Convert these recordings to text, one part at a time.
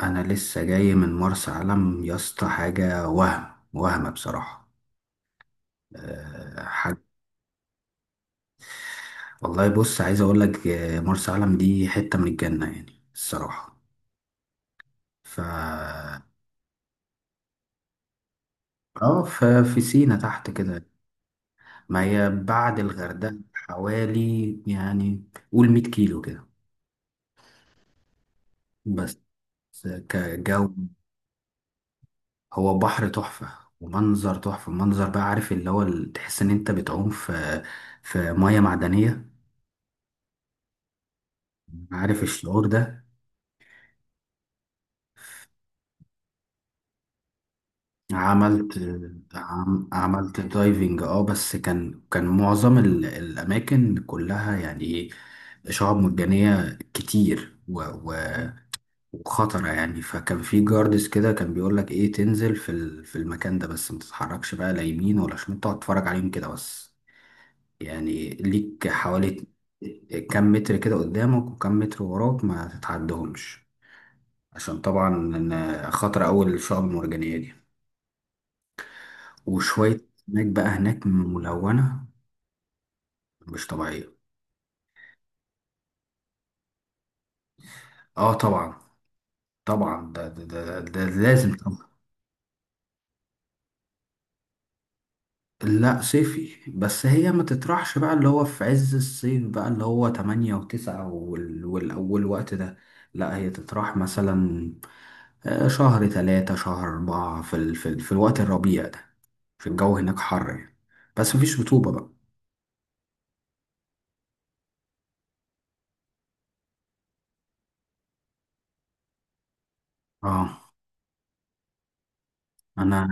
انا لسه جاي من مرسى علم يا اسطى، حاجه وهم بصراحه. أه، حاجه. والله بص، عايز اقول لك مرسى علم دي حته من الجنه يعني الصراحه. ف اه ف- في سينا تحت كده. ما هي بعد الغردقه حوالي يعني، قول 100 كيلو كده بس. كجو. هو بحر تحفه ومنظر تحفه، منظر بقى، عارف اللي هو تحس ان انت بتعوم في ميه معدنيه. عارف الشعور ده. عملت. عملت دايفنج، اه، بس كان معظم الاماكن كلها يعني ايه، شعاب مرجانيه كتير وخطره يعني. فكان في جاردس كده، كان بيقول لك ايه، تنزل في في المكان ده بس ما تتحركش بقى لا يمين ولا شمال، تقعد تتفرج عليهم كده بس. يعني ليك حوالي كام متر كده قدامك، وكام متر وراك ما تتعدهمش، عشان طبعا إن خطر، اول الشعاب المرجانيه دي، وشوية أسماك بقى هناك ملونة مش طبيعية. اه طبعا، طبعا ده لازم طبعا. لا صيفي، بس هي ما تطرحش بقى اللي هو في عز الصيف، بقى اللي هو تمانية وتسعة والأول، وقت ده. لا هي تطرح مثلا شهر تلاتة شهر أربعة في الوقت الربيع ده. في الجو هناك حر يعني، بس مفيش رطوبة بقى. اه، أنا.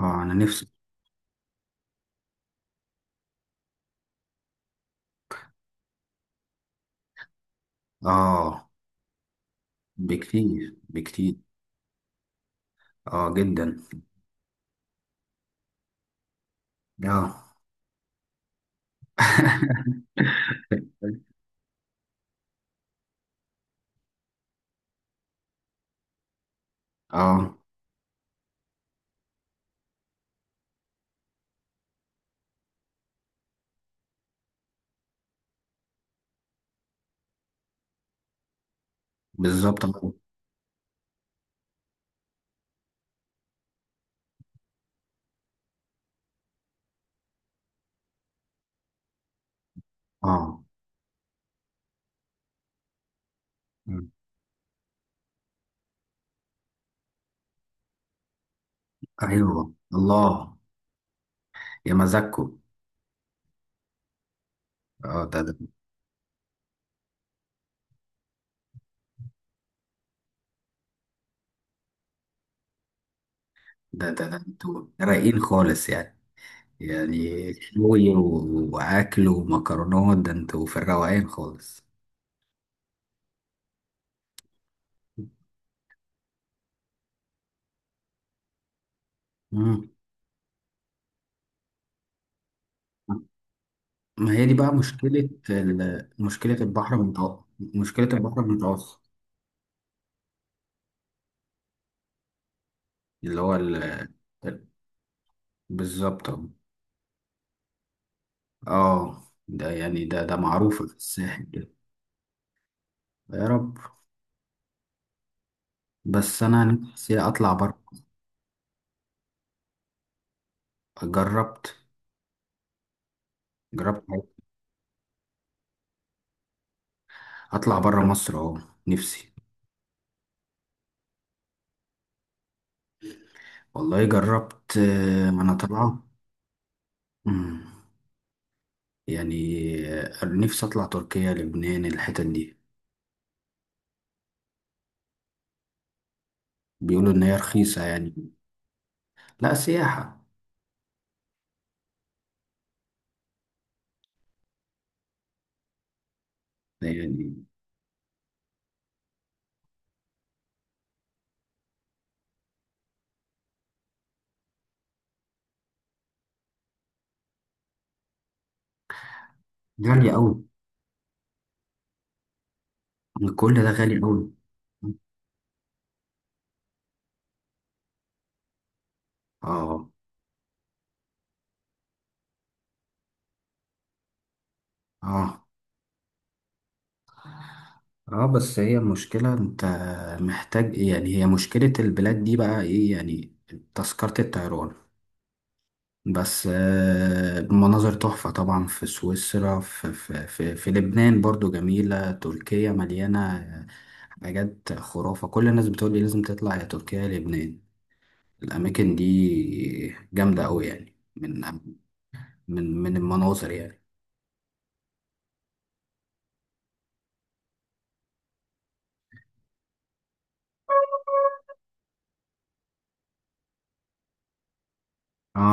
اه، أنا نفسي. اه. بكتير بكتير. اه جدا. اه. اه. بالظبط. اه. م. ايوه، الله يا مزاجكم. اه ده انتوا رايقين خالص يعني. يعني شوي واكل ومكرونات، ده انتوا في الروقان خالص. مم. ما هي دي بقى مشكلة مشكلة البحر المتوسط، مشكلة البحر المتوسط. اللي هو ال... بالظبط. اه، ده يعني ده معروف في الساحل كده. يا رب. بس انا نفسي اطلع بره. جربت. جربت حاجة. اطلع بره مصر اهو، نفسي. والله جربت، ما انا طالعه. مم. يعني نفسي اطلع تركيا لبنان، الحتت دي بيقولوا ان هي رخيصه يعني. لا سياحه يعني. غاليه قوي، كل ده غالي قوي. اه، اه، اه، بس هي المشكله، انت محتاج يعني، هي مشكله البلاد دي بقى ايه يعني، تذكره الطيران. بس مناظر تحفة طبعا في سويسرا، في لبنان برضو جميلة، تركيا مليانة حاجات خرافة. كل الناس بتقول لي لازم تطلع يا تركيا يا لبنان، الأماكن دي جامدة أوي يعني من، من المناظر يعني. اه،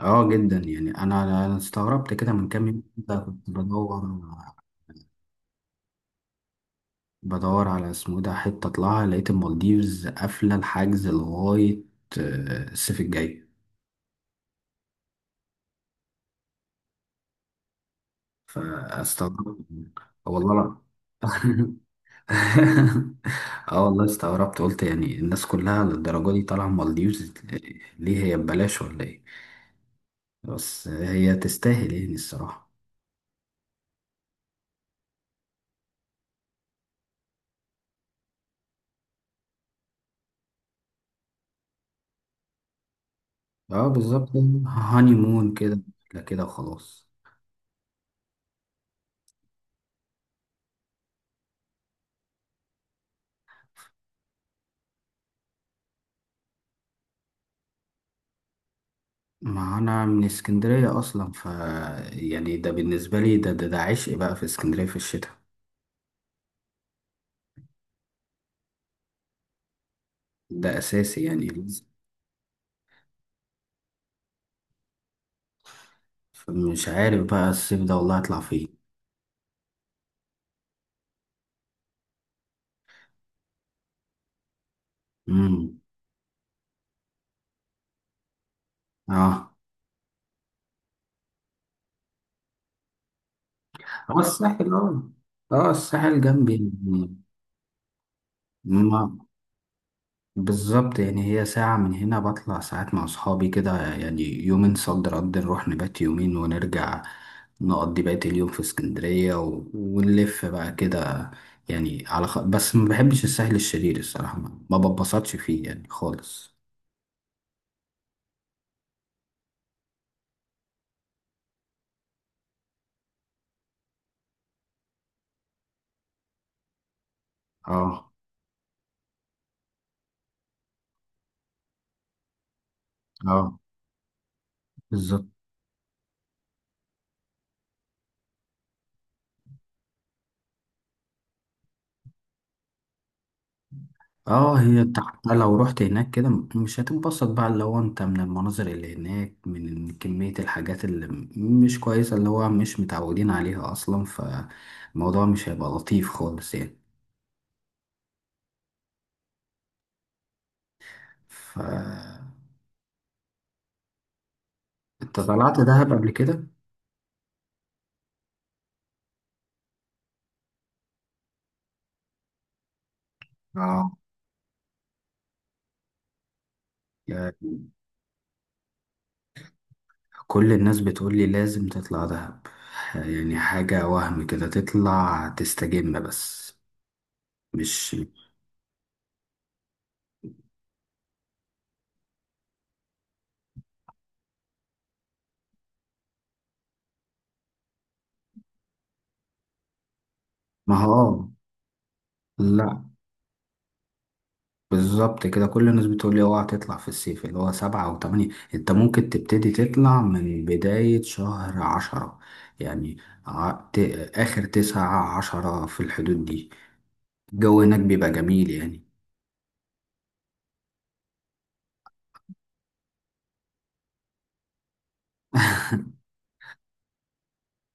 اه جدا يعني. أنا استغربت كده من كام يوم كده، كنت بدور. بدور على اسمه إيه ده حتة أطلعها، لقيت المالديفز قافلة الحجز لغاية الصيف الجاي، فاستغربت. والله لا. اه والله استغربت، قلت يعني الناس كلها للدرجة دي طالعة مالديفز، ليه هي ببلاش ولا ايه؟ بس هي تستاهل يعني الصراحة. اه بالظبط. هاني مون كده. لا كده وخلاص. ما انا من اسكندرية اصلا، ف يعني ده بالنسبة لي ده عشق بقى في اسكندرية في الشتاء، ده اساسي يعني. فمش عارف بقى الصيف ده والله هطلع فين. امم اه، هو الساحل اه، اه الساحل جنبي يعني. ما بالظبط يعني، هي ساعة من هنا، بطلع ساعات مع أصحابي كده يعني، يومين صد رد، نروح نبات يومين ونرجع، نقضي بقية اليوم في اسكندرية ونلف بقى كده يعني على بس ما بحبش الساحل الشرير الصراحة، ما ببسطش فيه يعني خالص. اه، اه بالظبط. اه هي حتى لو رحت هناك كده، مش هتنبسط بقى اللي هو انت من المناظر اللي هناك، من كمية الحاجات اللي مش كويسة، اللي هو مش متعودين عليها اصلا، فالموضوع مش هيبقى لطيف خالص يعني. ف انت طلعت دهب قبل كده؟ اه، يعني كل الناس بتقول لي لازم تطلع دهب يعني، حاجة وهم كده تطلع تستجم بس، مش. ما هو لا. بالظبط كده، كل الناس بتقول لي اوعى تطلع في الصيف اللي هو سبعة أو تمانية، أنت ممكن تبتدي تطلع من بداية شهر عشرة يعني. ع- ت- آخر تسعة عشرة في الحدود دي، الجو هناك بيبقى جميل يعني.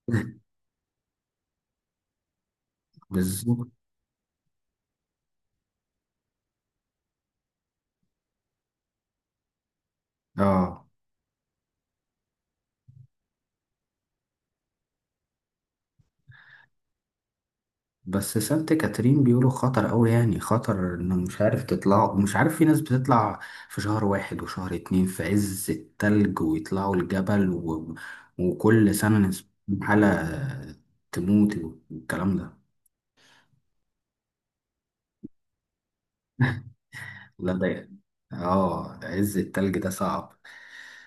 بالظبط. اه بس سانت كاترين بيقولوا خطر قوي يعني، خطر انه مش عارف تطلع، مش عارف، في ناس بتطلع في شهر واحد وشهر اتنين في عز التلج ويطلعوا الجبل وكل سنة ناس حالة تموت والكلام ده. لا ده، اه عز التلج ده صعب.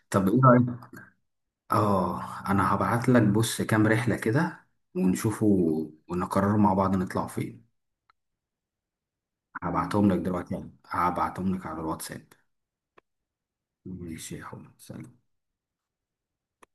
طب ايه رأيك؟ اه، انا هبعت لك بص كام رحلة كده، ونشوفوا ونقرروا مع بعض نطلع فين. هبعتهم لك دلوقتي، هبعتهم لك على الواتساب. ماشي يا حبيبي، سلام.